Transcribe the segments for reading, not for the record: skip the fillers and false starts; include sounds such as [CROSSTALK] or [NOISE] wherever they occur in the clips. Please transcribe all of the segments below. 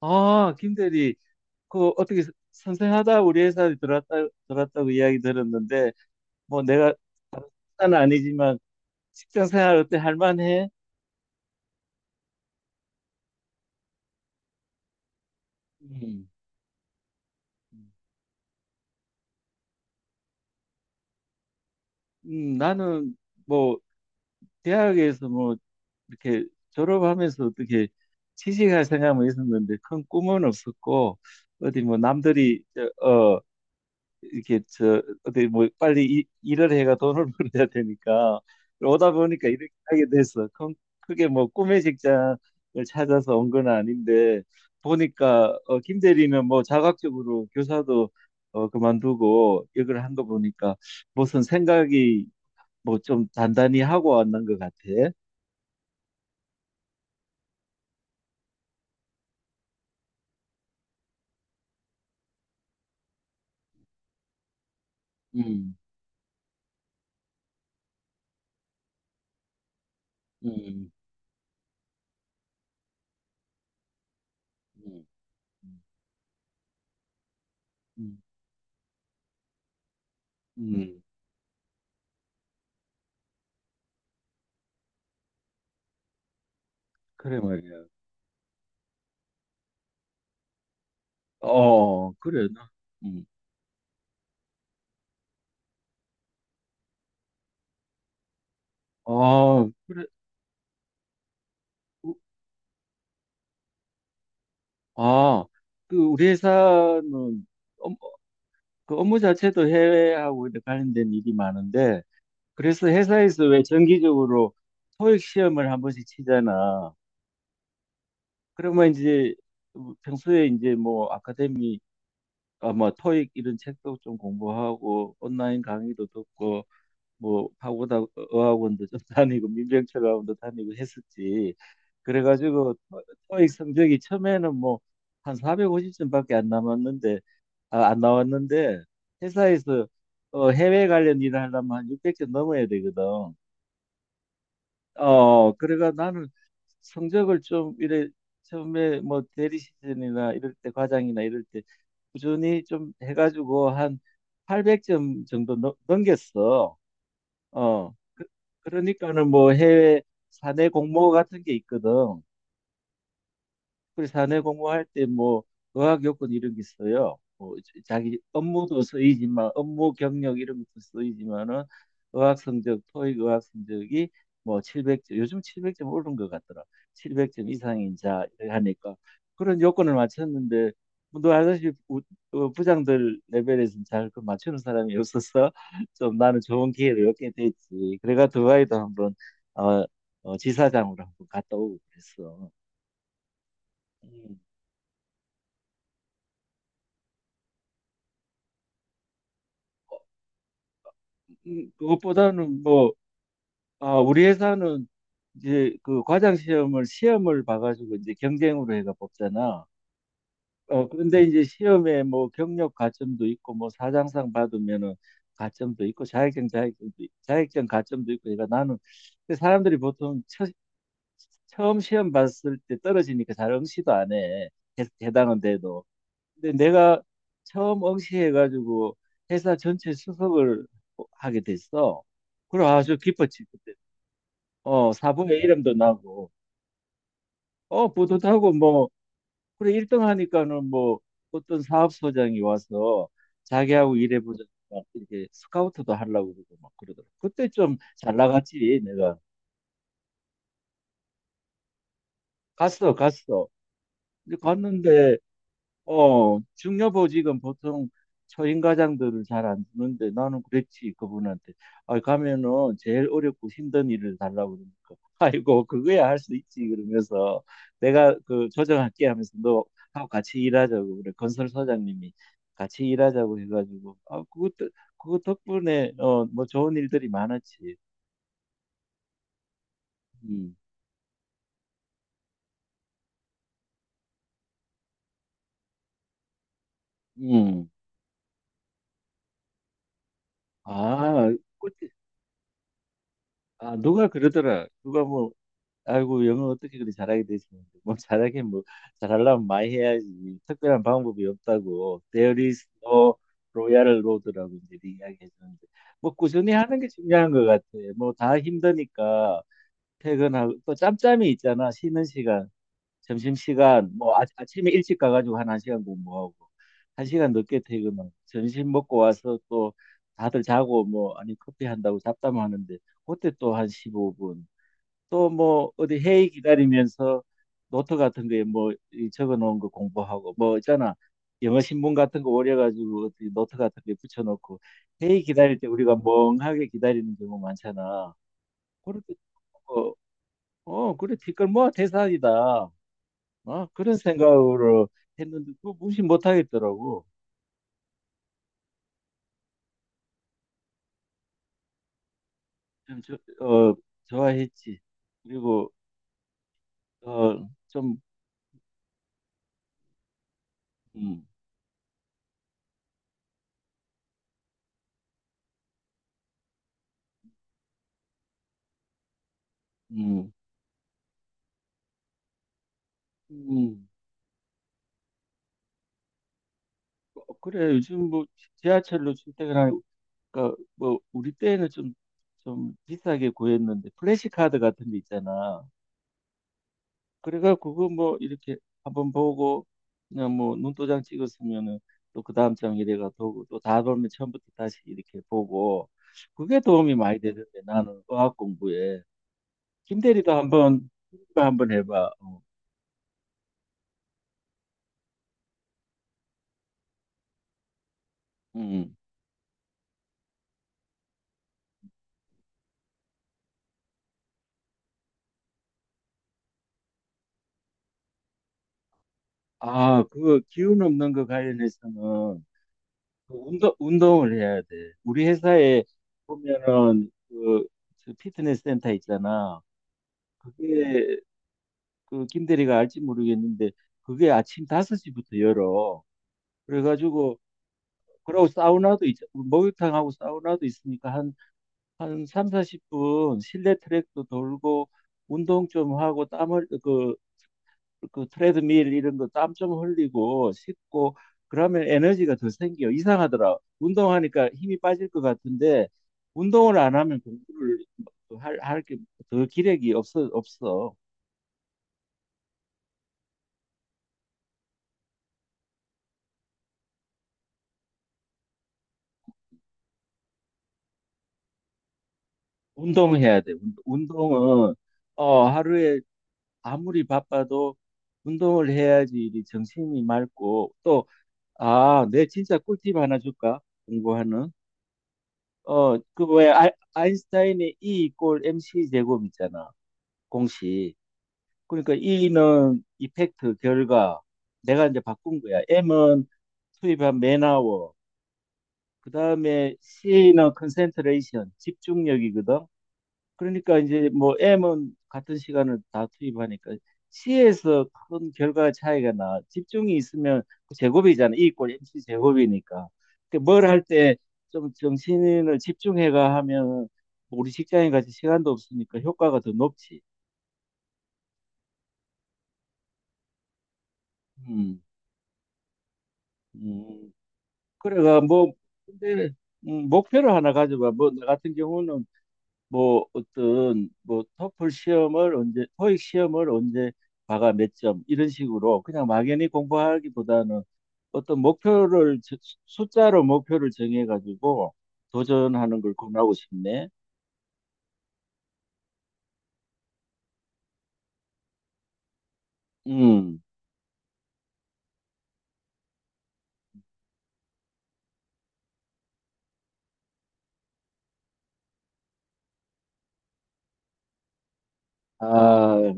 아, 김 대리, 그 어떻게 선생하다 우리 회사에 들어왔다고 이야기 들었는데, 뭐 내가 다는 아니지만 직장 생활 어때? 할만해? 음. 음. 나는 뭐 대학에서 뭐 이렇게 졸업하면서 어떻게 취직할 생각은 있었는데 큰 꿈은 없었고, 어디 뭐 남들이, 이렇게 저 어디 뭐 빨리 일을 해가 돈을 [LAUGHS] 벌어야 되니까 오다 보니까 이렇게 하게 됐어. 크게 뭐 꿈의 직장을 찾아서 온 건 아닌데 보니까 어, 김 대리는 뭐 자각적으로 교사도 어, 그만두고 이걸 한 거 보니까 무슨 생각이 뭐 좀 단단히 하고 왔는 것 같아. 음, 음, 음, 음, 음. 그래 말이야. 어, 그래. 음. 아, 그래. 아, 그 우리 회사는 업- 그 업무 자체도 해외하고 이렇게 관련된 일이 많은데 그래서 회사에서 왜 정기적으로 토익 시험을 한 번씩 치잖아. 그러면 이제 평소에 이제 뭐 아카데미 아뭐 토익 이런 책도 좀 공부하고 온라인 강의도 듣고 뭐 파고다 어학원도 좀 [LAUGHS] 다니고 민병철학원도 다니고 했었지. 그래가지고 토익 성적이 처음에는 뭐 한 450점밖에 안 남았는데 아, 안 나왔는데 회사에서 어, 해외 관련 일을 하려면 한 600개 넘어야 되거든. 어, 그래가 나는 성적을 좀 이래 처음에 뭐 대리 시즌이나 이럴 때 과장이나 이럴 때 꾸준히 좀 해가지고 한 800점 정도 넘겼어. 어, 그러니까는 뭐 해외 사내 공모 같은 게 있거든. 그리고 사내 공부할 때 뭐 의학 요건 이런 게 있어요. 뭐 자기 업무도 쓰이지만 업무 경력 이런 것도 쓰이지만은 의학 성적, 토익 의학 성적이 뭐 700점, 요즘 700점 오른 것 같더라. 700점 이상인 자 하니까 그런 요건을 맞췄는데 뭐 너 알다시피 부장들 레벨에서는 잘 그 맞추는 사람이 없어서 [LAUGHS] 좀 나는 좋은 기회를 얻게 됐지. 그래가 두바이도 한번 어, 지사장으로 한번 갔다 오고 그랬어. 음. 그것보다는 뭐, 아, 우리 회사는 이제 그 과장 시험을 봐가지고 이제 경쟁으로 해가 뽑잖아. 어, 그런데 이제 시험에 뭐 경력 가점도 있고 뭐 사장상 받으면은 가점도 있고 자격증 가점도 있고 그러니까 나는 근데 사람들이 보통 처음 시험 봤을 때 떨어지니까 잘 응시도 안 해. 해당은 돼도. 근데 내가 처음 응시해가지고 회사 전체 수석을 하게 됐어. 그래 아주 기뻤지 그때. 어 사부의 이름도 나고 어 뿌듯하고 뭐 그래 1등 하니까는 뭐 어떤 사업소장이 와서 자기하고 일해보자 막 이렇게 스카우트도 하려고 그러고 막 그러더라고. 그때 좀 잘 나갔지 내가 갔어 갔어. 근데 갔는데 어, 중요보직은 보통 초임과장들을 잘 안 주는데 나는 그랬지 그분한테 아 가면은 제일 어렵고 힘든 일을 달라고 그러니까 [LAUGHS] 아이고 그거야 할 수 있지 그러면서 내가 그 조정할게 하면서 너 하고 같이 일하자고 그래 건설 소장님이 같이 일하자고 해가지고 아 그것도 그거 덕분에 어 뭐 좋은 일들이 많았지. 음, 음. 아, 꽃, 아 누가 그러더라 누가 뭐 아이고 영어 어떻게 그리 잘하게 되시는데 뭐 잘하긴 뭐 잘하려면 많이 해야지 특별한 방법이 없다고 There is no royal road라고 이제 이야기해 주는데 뭐 꾸준히 하는 게 중요한 것 같아. 뭐 다 힘드니까 퇴근하고 또 짬짬이 있잖아. 쉬는 시간 점심시간 뭐 아, 아침에 일찍 가가지고 한 1시간 공부하고 1시간 늦게 퇴근하고 점심 먹고 와서 또 다들 자고 뭐 아니 커피 한다고 잡담하는데 그때 또 한 15분 또 뭐 어디 회의 기다리면서 노트 같은 거에 뭐 이 적어 놓은 거 공부하고 뭐 있잖아. 영어 신문 같은 거 오려 가지고 어디 노트 같은 데 붙여 놓고 회의 기다릴 때 우리가 멍하게 기다리는 경우 많잖아. 그렇게 어, 어 그래 티끌 모아 태산이다. 어, 그런 생각으로 했는데 그거 무시 못 하겠더라고. 좀 어, 좋아했지. 그리고 어, 좀 음, 음, 음. 어, 그래 요즘 뭐 지하철로 출퇴근하니까 그러니까 뭐 우리 때는 좀 비싸게 구했는데 플래시 카드 같은 데 있잖아. 그래가 그거 뭐 이렇게 한번 보고 그냥 뭐 눈도장 찍었으면은 또 그 다음 장 이래가 보고 또 다 보면 처음부터 다시 이렇게 보고 그게 도움이 많이 되던데 나는 어학 공부에 김 대리도 한번 해봐. 어. 음. 아 그거 기운 없는 거 관련해서는 그 운동을 해야 돼. 우리 회사에 보면은 그저 피트니스 센터 있잖아. 그게 그 김대리가 알지 모르겠는데 그게 아침 5시부터 열어. 그래가지고 그러고 사우나도 목욕탕하고 사우나도 있으니까 한삼 40분 실내 트랙도 돌고 운동 좀 하고 땀을 그 트레드밀 이런 거 땀 좀 흘리고 씻고 그러면 에너지가 더 생겨. 이상하더라. 운동하니까 힘이 빠질 것 같은데 운동을 안 하면 공부를 할 게 더 기력이 없어, 없어. 운동해야 돼. 운동은 어, 하루에 아무리 바빠도 운동을 해야지 이 정신이 맑고 또 아, 내 진짜 꿀팁 하나 줄까? 공부하는 어, 그 뭐야 아, 아인슈타인의 E 이퀄 MC 제곱 있잖아. 공식. 그러니까 E는 이펙트, 결과. 내가 이제 바꾼 거야. M은 투입한 맨아워. 그 다음에 C는 컨센트레이션, 집중력이거든. 그러니까 이제 뭐 M은 같은 시간을 다 투입하니까 C에서 큰 결과 차이가 나. 집중이 있으면 그 제곱이잖아. E 이퀄 MC 제곱이니까. 그러니까 뭘 할 때 좀 정신을 집중해가 하면 우리 직장인 같이 시간도 없으니까 효과가 더 높지. 음, 음. 그래가 뭐 근데 목표를 하나 가져봐. 뭐 나 같은 경우는 뭐 어떤 뭐 토플 시험을 언제 토익 시험을 언제 봐가 몇 점 이런 식으로 그냥 막연히 공부하기보다는 어떤 목표를 숫자로 목표를 정해 가지고 도전하는 걸 권하고 싶네. 음. 아,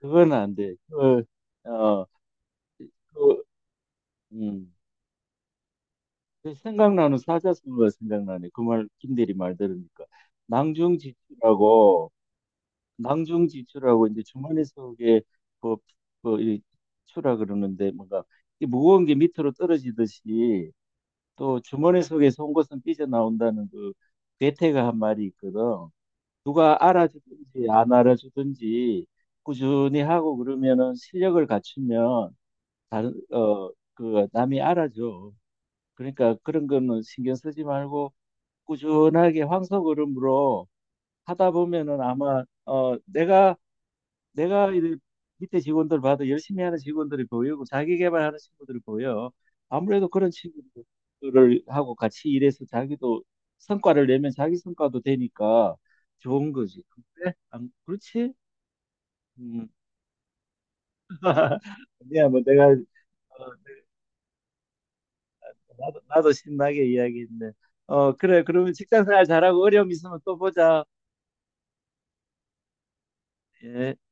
그건 안 돼. 그, 어, 그, 음. 그 생각나는 사자성어가 생각나네. 김대리 말 들으니까. 낭중지추라고 낭중지추라고 이제 주머니 속에 뭐, 뭐, 이 추라 그러는데 뭔가 이 무거운 게 밑으로 떨어지듯이 또 주머니 속에 온 것은 삐져나온다는 그 괴테가 한 말이 있거든. 누가 알아주든지 안 알아주든지 꾸준히 하고 그러면은 실력을 갖추면 다른, 어, 그 남이 알아줘. 그러니까 그런 거는 신경 쓰지 말고 꾸준하게 황소걸음으로 하다 보면은 아마 어, 내가 이 밑에 직원들 봐도 열심히 하는 직원들이 보이고 자기 개발하는 친구들이 보여. 아무래도 그런 친구들을 하고 같이 일해서 자기도 성과를 내면 자기 성과도 되니까 좋은 거지. 그래? 안 그렇지? 음. [LAUGHS] 야, 뭐 내가 어, 나도 신나게 이야기했네. 어, 그래. 그러면 직장 생활 잘하고 어려움 있으면 또 보자. 예.